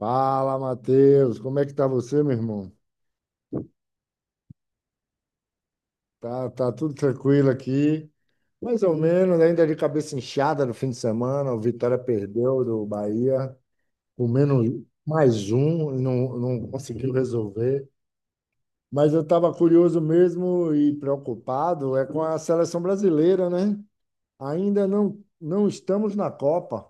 Fala, Matheus, como é que tá você, meu irmão? Tá, tudo tranquilo aqui, mais ou menos, ainda de cabeça inchada no fim de semana, o Vitória perdeu do Bahia, com menos mais um, não conseguiu resolver. Mas eu estava curioso mesmo e preocupado é com a seleção brasileira, né? Ainda não estamos na Copa.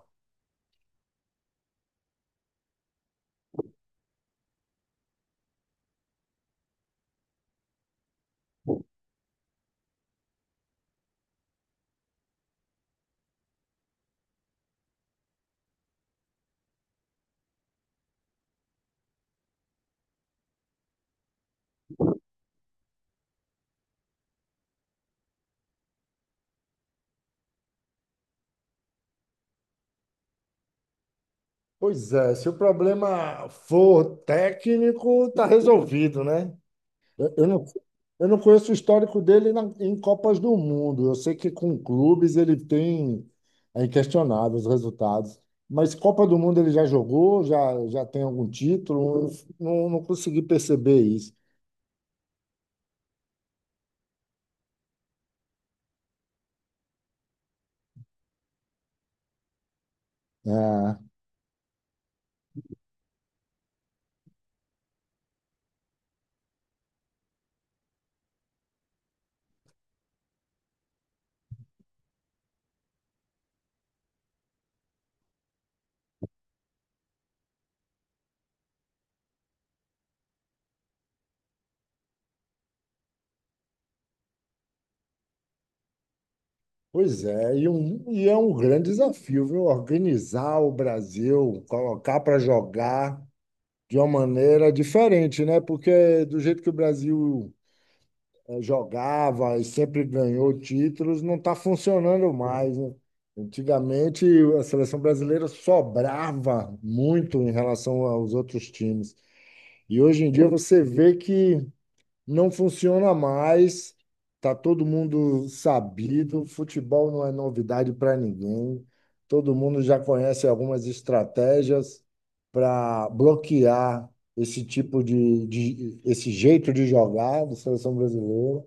Pois é, se o problema for técnico, tá resolvido, né? Eu, eu não, eu não conheço o histórico dele em Copas do Mundo. Eu sei que com clubes ele tem, é inquestionável os resultados. Mas Copa do Mundo ele já jogou, já, já tem algum título? Eu Não, não consegui perceber isso. Ah, pois é, e, e é um grande desafio, viu? Organizar o Brasil, colocar para jogar de uma maneira diferente, né? Porque do jeito que o Brasil jogava e sempre ganhou títulos, não está funcionando mais, né? Antigamente, a seleção brasileira sobrava muito em relação aos outros times. E hoje em dia você vê que não funciona mais, tá todo mundo sabido, futebol não é novidade para ninguém, todo mundo já conhece algumas estratégias para bloquear esse tipo esse jeito de jogar da seleção brasileira.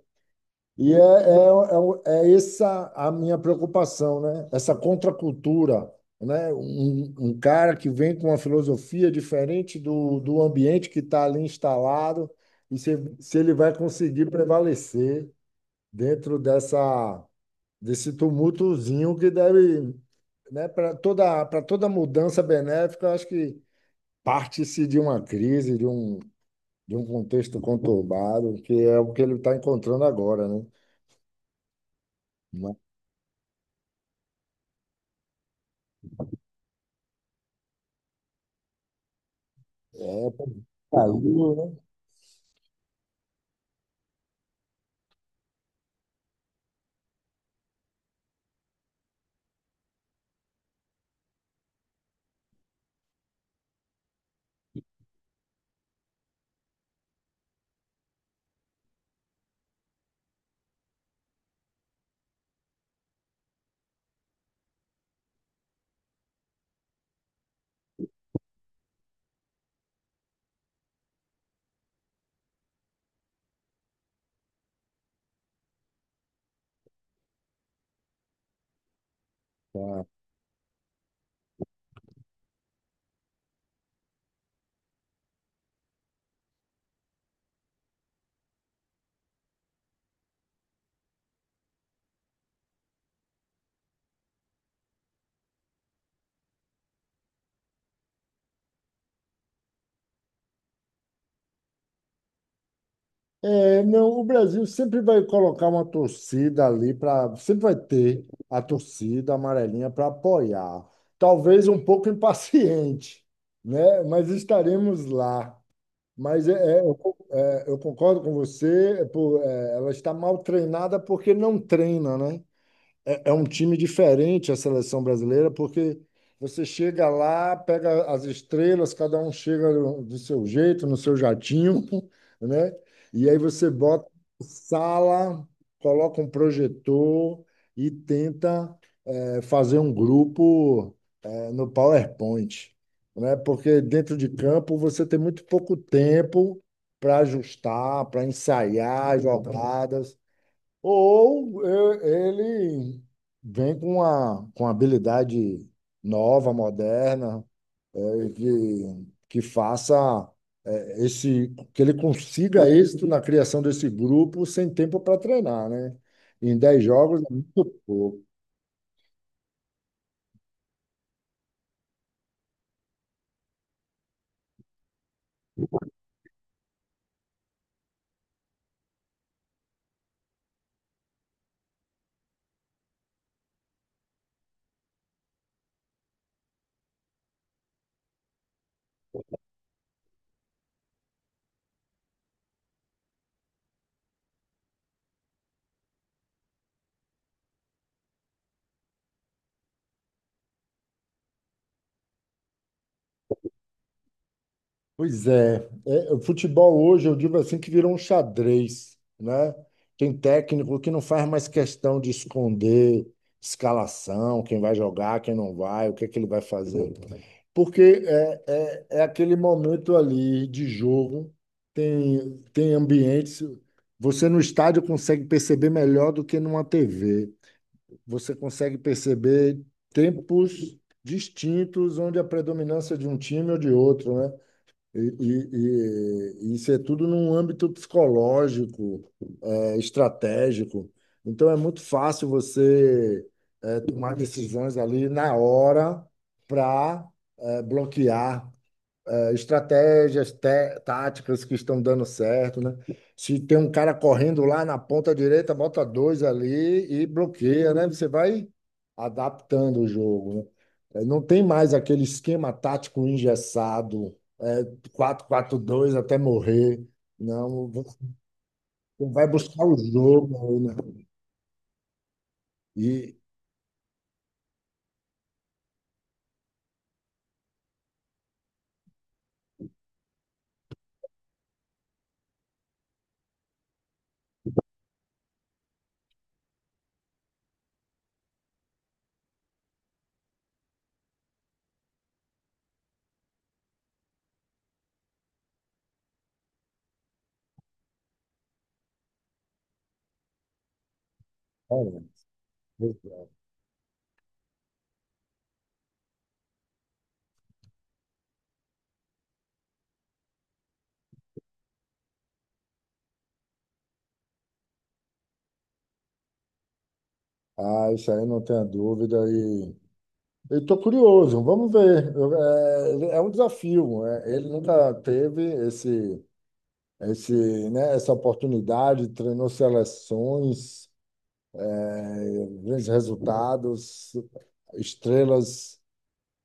É essa a minha preocupação, né? Essa contracultura, né? Um cara que vem com uma filosofia diferente do ambiente que está ali instalado e se ele vai conseguir prevalecer dentro desse tumultozinho que deve, né? Para toda mudança benéfica, eu acho que parte-se de uma crise, de um contexto conturbado, que é o que ele está encontrando agora, né? Mas é, caiu, né? Cara? É, não, o Brasil sempre vai colocar uma torcida ali para, sempre vai ter a torcida amarelinha para apoiar. Talvez um pouco impaciente, né? Mas estaremos lá. Eu concordo com você, ela está mal treinada porque não treina, né? É um time diferente a seleção brasileira, porque você chega lá, pega as estrelas, cada um chega do seu jeito, no seu jatinho, né? E aí você bota sala, coloca um projetor e tenta fazer um grupo no PowerPoint, né? Porque dentro de campo você tem muito pouco tempo para ajustar, para ensaiar as jogadas. Ele vem com uma habilidade nova, moderna, é, que faça que ele consiga êxito na criação desse grupo sem tempo para treinar, né? Em 10 jogos é muito pouco. Pois é, é, o futebol hoje, eu digo assim, que virou um xadrez, né? Tem técnico que não faz mais questão de esconder escalação, quem vai jogar, quem não vai, o que é que ele vai fazer. É aquele momento ali de jogo, tem ambientes. Você no estádio consegue perceber melhor do que numa TV. Você consegue perceber tempos distintos onde a predominância de um time ou de outro, né? E, e isso é tudo num âmbito psicológico, é, estratégico. Então é muito fácil você tomar decisões ali na hora para bloquear, estratégias, táticas que estão dando certo, né? Se tem um cara correndo lá na ponta direita, bota dois ali e bloqueia, né? Você vai adaptando o jogo, né? É, não tem mais aquele esquema tático engessado, é, quatro 4 2 até morrer. Não, você vai buscar o jogo, né? E, olha, ah, isso aí não tenha dúvida. Eu estou curioso, vamos ver. É, é um desafio. É, ele nunca teve esse, né, essa oportunidade, treinou seleções, eh, grandes resultados, estrelas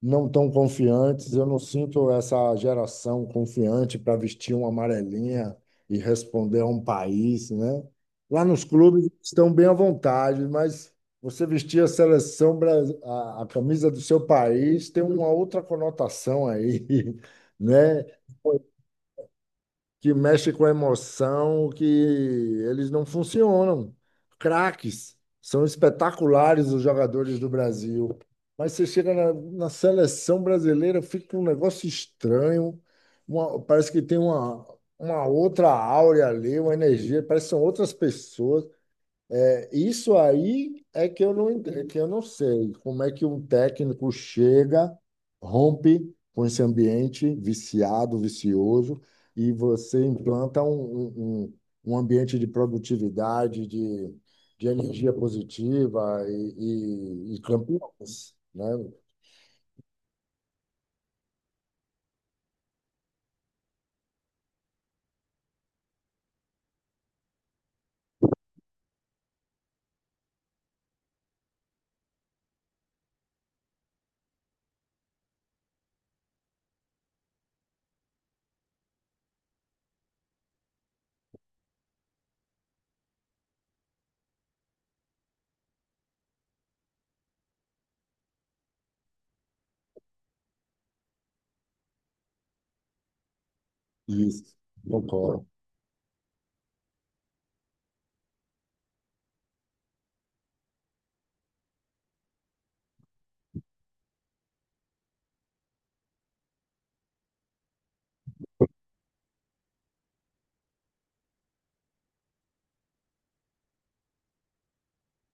não tão confiantes. Eu não sinto essa geração confiante para vestir uma amarelinha e responder a um país, né? Lá nos clubes estão bem à vontade, mas você vestir a seleção, a camisa do seu país tem uma outra conotação aí, né? Que mexe com a emoção, que eles não funcionam. Craques, são espetaculares os jogadores do Brasil. Mas você chega na seleção brasileira, fica um negócio estranho. Parece que tem uma outra áurea ali, uma energia, parece que são outras pessoas. Isso aí é que eu não, ent- é que eu não sei como é que um técnico chega, rompe com esse ambiente viciado, vicioso, e você implanta um um ambiente de produtividade, de energia positiva e campeões, né? Isso, concordo.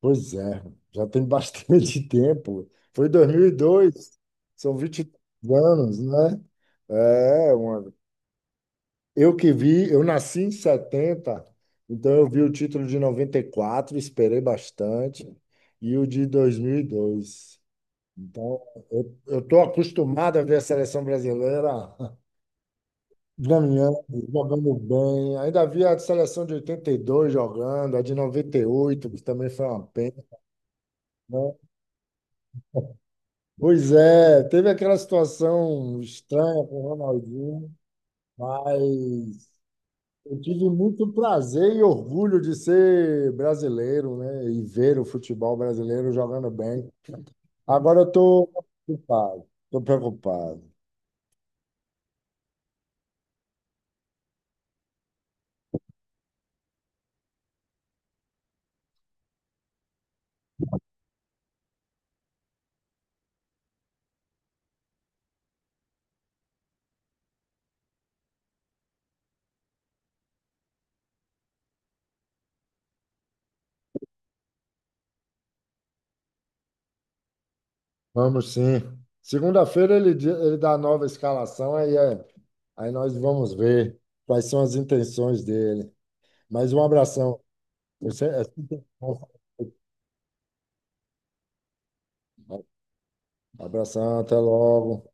Pois é, já tem bastante tempo. Foi 2002, são 20 anos, né? É, uma Eu que vi, eu nasci em 70, então eu vi o título de 94, esperei bastante, e o de 2002. Então, eu estou acostumado a ver a seleção brasileira ganhando, jogando bem. Ainda vi a seleção de 82 jogando, a de 98 que também foi uma pena, né? Pois é, teve aquela situação estranha com o Ronaldinho, mas eu tive muito prazer e orgulho de ser brasileiro, né? E ver o futebol brasileiro jogando bem. Agora eu estou preocupado. Estou preocupado. Vamos sim. Segunda-feira ele, ele dá a nova escalação, aí, aí nós vamos ver quais são as intenções dele. Mas um abração. Você, é, sempre bom. Abração, até logo.